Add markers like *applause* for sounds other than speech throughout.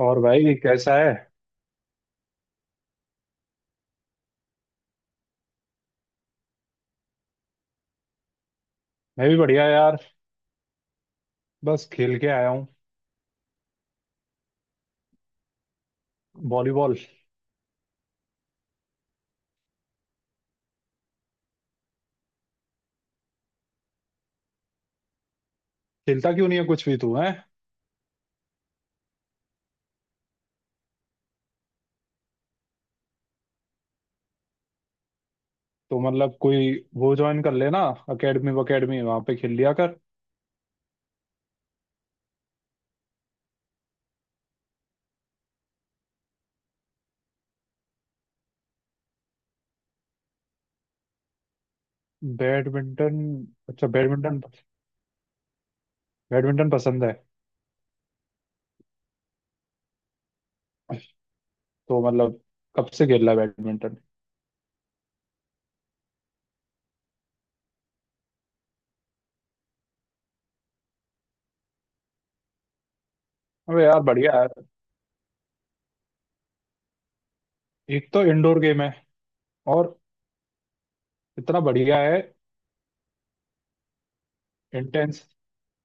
और भाई कैसा है? मैं भी बढ़िया यार। बस खेल के आया हूँ। वॉलीबॉल। खेलता क्यों नहीं है कुछ भी तू है? तो मतलब कोई वो ज्वाइन कर लेना। अकेडमी वकेडमी वहां पे खेल लिया कर। बैडमिंटन। अच्छा बैडमिंटन। बैडमिंटन पसंद है? तो मतलब कब से खेल रहा है बैडमिंटन? अबे यार बढ़िया है। एक तो इंडोर गेम है। और इतना बढ़िया है। इंटेंस।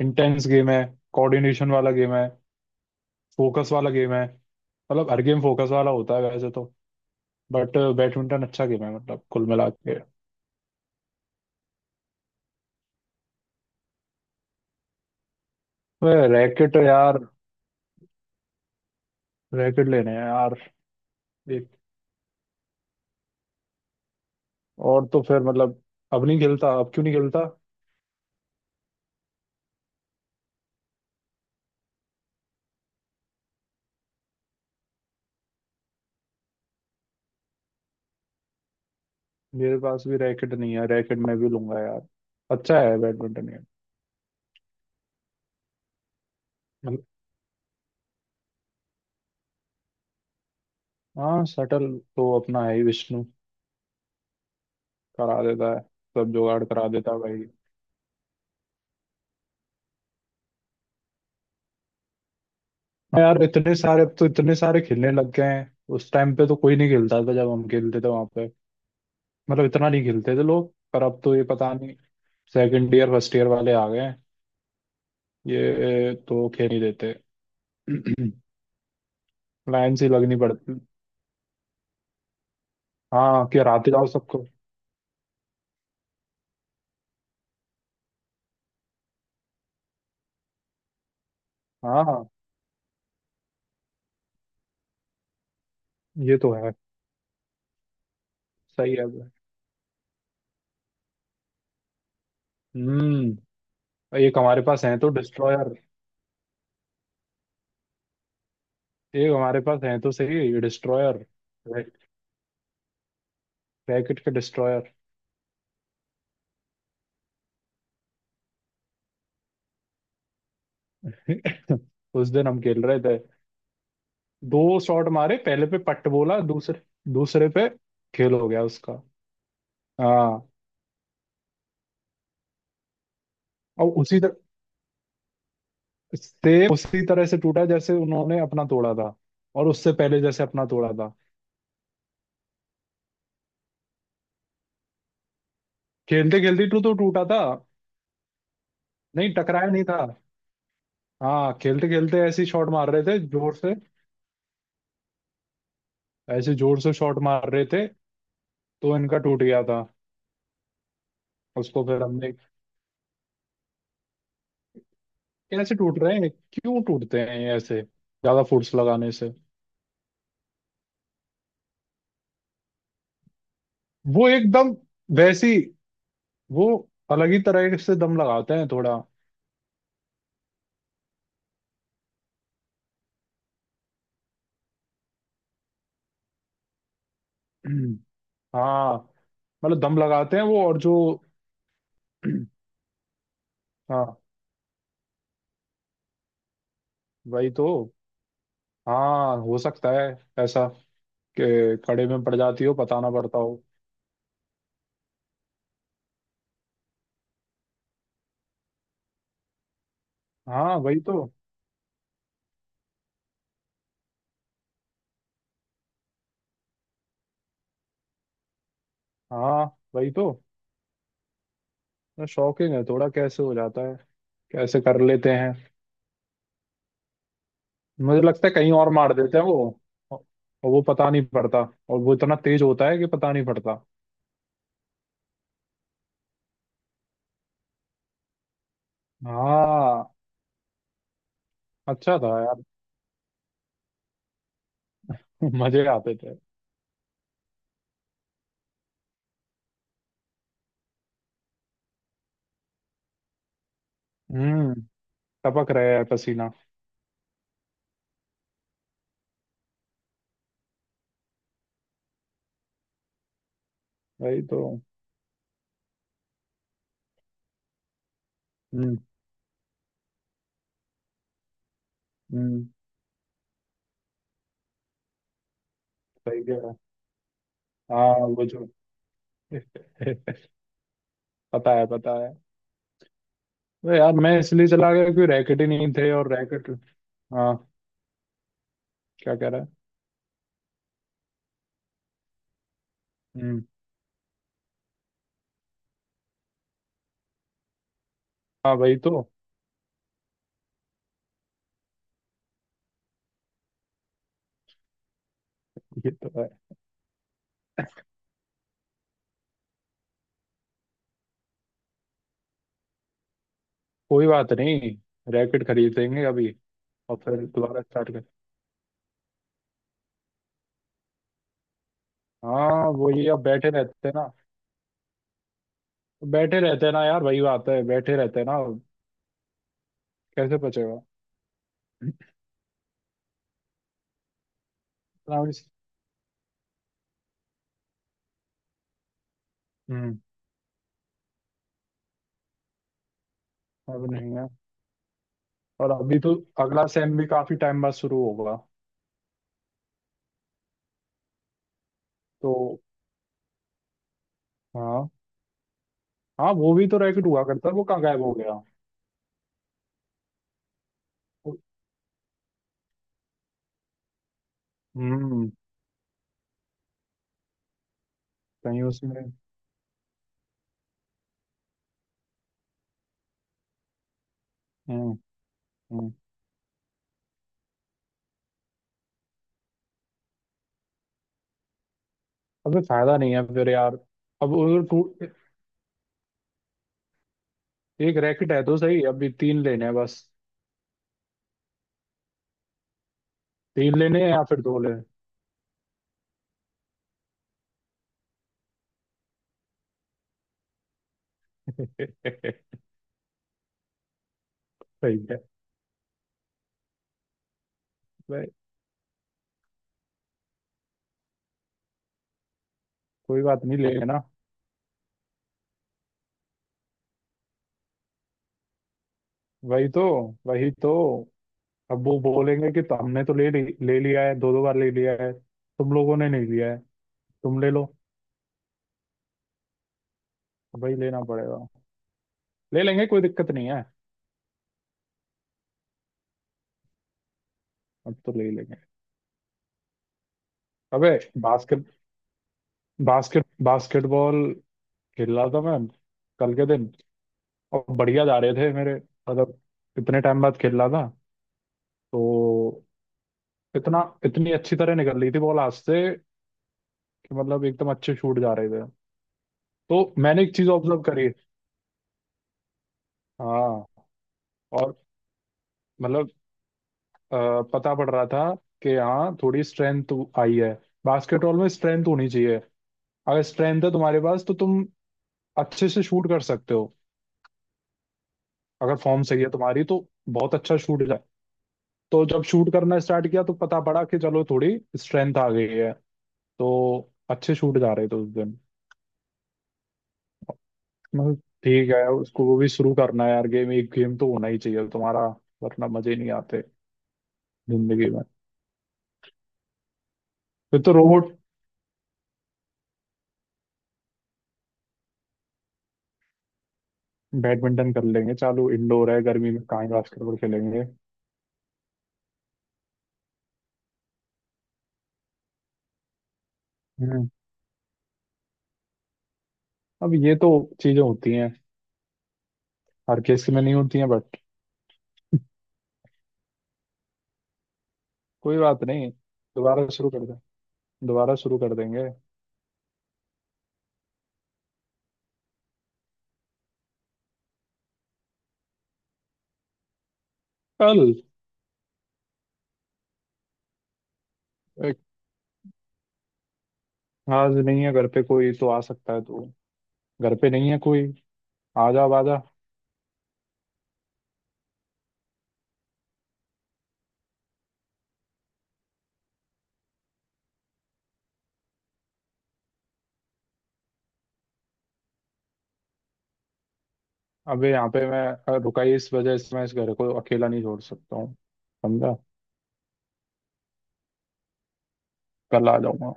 इंटेंस गेम है। कोऑर्डिनेशन वाला गेम है। फोकस वाला गेम है। मतलब हर गेम फोकस वाला होता है वैसे तो। बट बैडमिंटन अच्छा गेम है मतलब कुल मिला के। वह रैकेट यार। रैकेट लेने हैं यार। एक और तो फिर मतलब। अब नहीं खेलता अब क्यों नहीं खेलता? मेरे पास भी रैकेट नहीं है रैकेट मैं भी लूंगा यार। अच्छा है बैडमिंटन गेम। मतलब- हाँ शटल। तो अपना है ही विष्णु। करा देता है। सब जुगाड़ करा देता है भाई। हाँ यार इतने सारे अब तो इतने सारे खेलने लग गए हैं उस टाइम पे तो कोई नहीं खेलता था जब हम खेलते थे वहां पे। मतलब इतना नहीं खेलते थे लोग पर अब तो ये पता नहीं। सेकंड ईयर फर्स्ट ईयर वाले आ गए हैं। ये तो खेल नहीं देते। *clears throat* लाइन से लगनी पड़ती। हाँ कि हराते जाओ सबको। हाँ, हाँ। ये तो है। सही है। हम्म। एक हमारे पास है तो डिस्ट्रॉयर। एक हमारे पास है तो सही डिस्ट्रॉयर। रैकेट के डिस्ट्रॉयर। *laughs* उस दिन हम खेल रहे थे। दो शॉट मारे पहले पे पट बोला दूसरे दूसरे पे खेल हो गया उसका। हाँ। और उसी तरह से टूटा जैसे उन्होंने अपना तोड़ा था। और उससे पहले जैसे अपना तोड़ा था। खेलते खेलते तो टूटा था। नहीं टकराया नहीं था। हाँ खेलते खेलते ऐसे ही शॉट मार रहे थे जोर से। ऐसे जोर से शॉट मार रहे थे तो इनका टूट गया था। उसको फिर हमने। कैसे टूट रहे हैं क्यों टूटते हैं ये ऐसे ज्यादा फोर्स लगाने से। वो एकदम वैसी वो अलग ही तरह से दम लगाते हैं थोड़ा। *clears throat* हाँ। मतलब दम लगाते हैं वो और जो। *clears throat* हाँ वही तो। हाँ हो सकता है ऐसा कि खड़े में पड़ जाती हो पता ना पड़ता हो। हाँ वही तो। हाँ वही तो। शॉकिंग है थोड़ा कैसे हो जाता है? कैसे कर लेते हैं? मुझे लगता है कहीं और मार देते हैं वो। और वो पता नहीं पड़ता और वो इतना तेज होता है कि पता नहीं पड़ता। हाँ। अच्छा था यार। *laughs* मजे आते थे। हम्म। टपक रहे है पसीना। वही तो। हम्म। हम्म। सही कह रहा है। हाँ वो जो। *laughs* पता है पता है। तो यार मैं इसलिए चला गया क्योंकि रैकेट ही नहीं थे और रैकेट। हाँ। क्या कह रहा है? हम्म। हाँ वही तो। ये तो है। कोई बात नहीं। रैकेट खरीद लेंगे अभी। और फिर दोबारा स्टार्ट कर। हाँ वो ये अब बैठे रहते हैं ना। बैठे रहते हैं ना यार वही बात है बैठे रहते हैं ना। कैसे पचेगा? आराम से- *clears throat* हम्म। अब नहीं है। और अभी तो अगला सेम भी काफी टाइम बाद शुरू होगा। तो हाँ। हाँ वो भी तो रैकेट हुआ करता है वो कहाँ गायब हो गया? हम्म। कहीं उसमें। हम्म। हम्म। अबे फायदा नहीं है फिर यार। अब वो टू। एक रैकेट है तो सही अभी तीन लेने हैं बस। तीन लेने हैं या फिर दो लेने। सही है भाई। कोई बात नहीं ले लेना। वही तो। वही तो। अब वो बोलेंगे कि तो हमने तो ले ली ले लिया है दो दो बार ले लिया है। तुम लोगों ने नहीं लिया है। तुम ले लो। वही लेना पड़ेगा। ले लेंगे कोई दिक्कत नहीं है। अब तो ले ही लेंगे। अबे। बास्केट बास्केट बास्केटबॉल खेल रहा था मैं कल के दिन। और बढ़िया जा रहे थे मेरे। मतलब इतने टाइम बाद खेल रहा था। तो इतना इतनी अच्छी तरह निकल रही थी बॉल हाथ से कि मतलब एकदम अच्छे शूट जा रहे थे। तो मैंने एक चीज ऑब्जर्व करी। हाँ। और मतलब पता पड़ रहा था कि हाँ थोड़ी स्ट्रेंथ आई है। बास्केटबॉल में स्ट्रेंथ होनी चाहिए। अगर स्ट्रेंथ है तुम्हारे पास तो तुम अच्छे से शूट कर सकते हो। अगर फॉर्म सही है तुम्हारी तो बहुत अच्छा शूट है। तो जब शूट करना स्टार्ट किया तो पता पड़ा कि चलो थोड़ी स्ट्रेंथ आ गई है। तो अच्छे शूट जा रहे थे उस दिन। मतलब ठीक है उसको वो भी शुरू करना है यार गेम एक गेम तो होना ही चाहिए तुम्हारा। वरना मजे नहीं आते जिंदगी में। फिर तो रोबोट। बैडमिंटन कर लेंगे चालू इंडोर है गर्मी में कहाँ ही बास्केटबॉल खेलेंगे। हम्म। अब ये तो चीजें होती हैं हर केस में नहीं होती हैं बट। कोई बात नहीं दोबारा शुरू कर दें। दोबारा शुरू कर देंगे। कल। एक, आज नहीं है घर पे कोई तो आ सकता है तू। घर पे नहीं है कोई। आ जा आ जा। अबे यहाँ पे मैं रुका ही इस वजह से मैं इस घर को अकेला नहीं छोड़ सकता हूँ। समझा। कल आ जाऊंगा।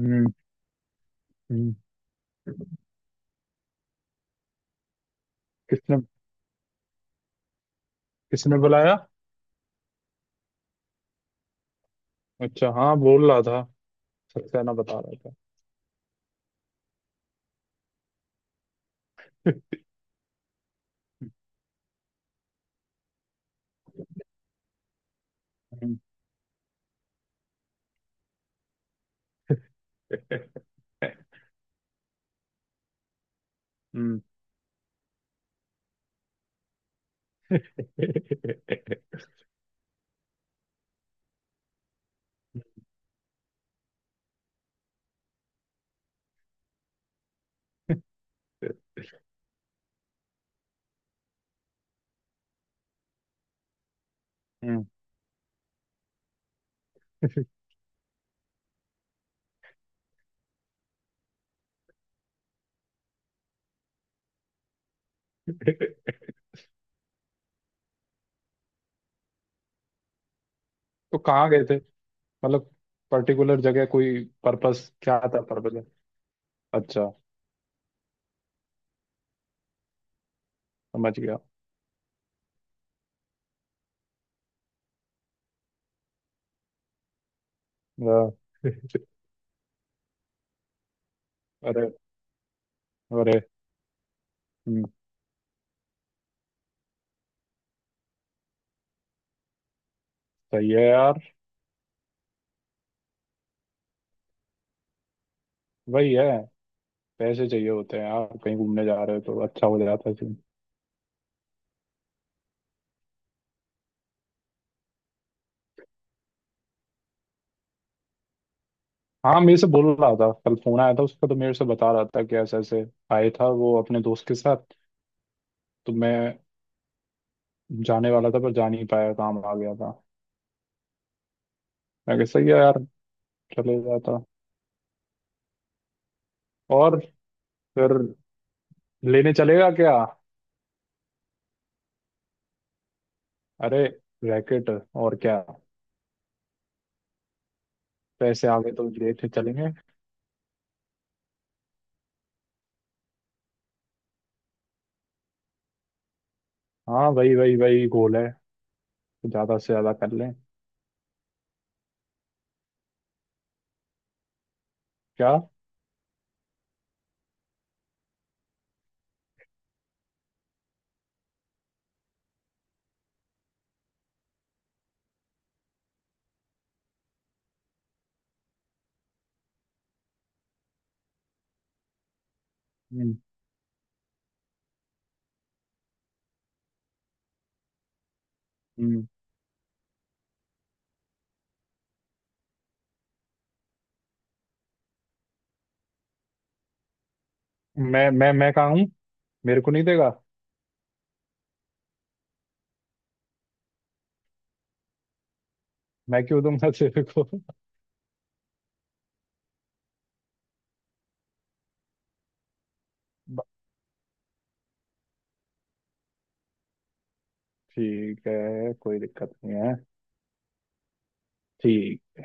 हम्म। हम्म। किसने। किसने बुलाया? अच्छा हाँ बोल रहा था। सक्सेना बता रहा था। *laughs* हम्म। हम्म। तो तो कहाँ गए थे? मतलब पर्टिकुलर जगह कोई पर्पस क्या था पर्पस? अच्छा समझ गया। वाह। अरे। अरे। हम्म। सही है यार। वही है। पैसे चाहिए होते हैं यार कहीं घूमने जा रहे हो तो अच्छा हो जाता है सीन। हाँ मेरे से बोल रहा था कल फोन आया था उसका तो मेरे से बता रहा था कि ऐसे ऐसे आया था वो अपने दोस्त के साथ। तो मैं जाने वाला था पर जा नहीं पाया काम आ गया था। मैं कहा सही है यार चले जाता। और फिर लेने चलेगा क्या? अरे रैकेट और क्या। पैसे आ गए तो लेते चलेंगे। हाँ वही वही वही गोल है। ज्यादा से ज्यादा कर लें। क्या? हम्म। हम्म। मैं कहाँ हूँ? मेरे को नहीं देगा। मैं क्यों दूंगा तेरे को? *laughs* ब- ठीक है कोई दिक्कत नहीं है। ठीक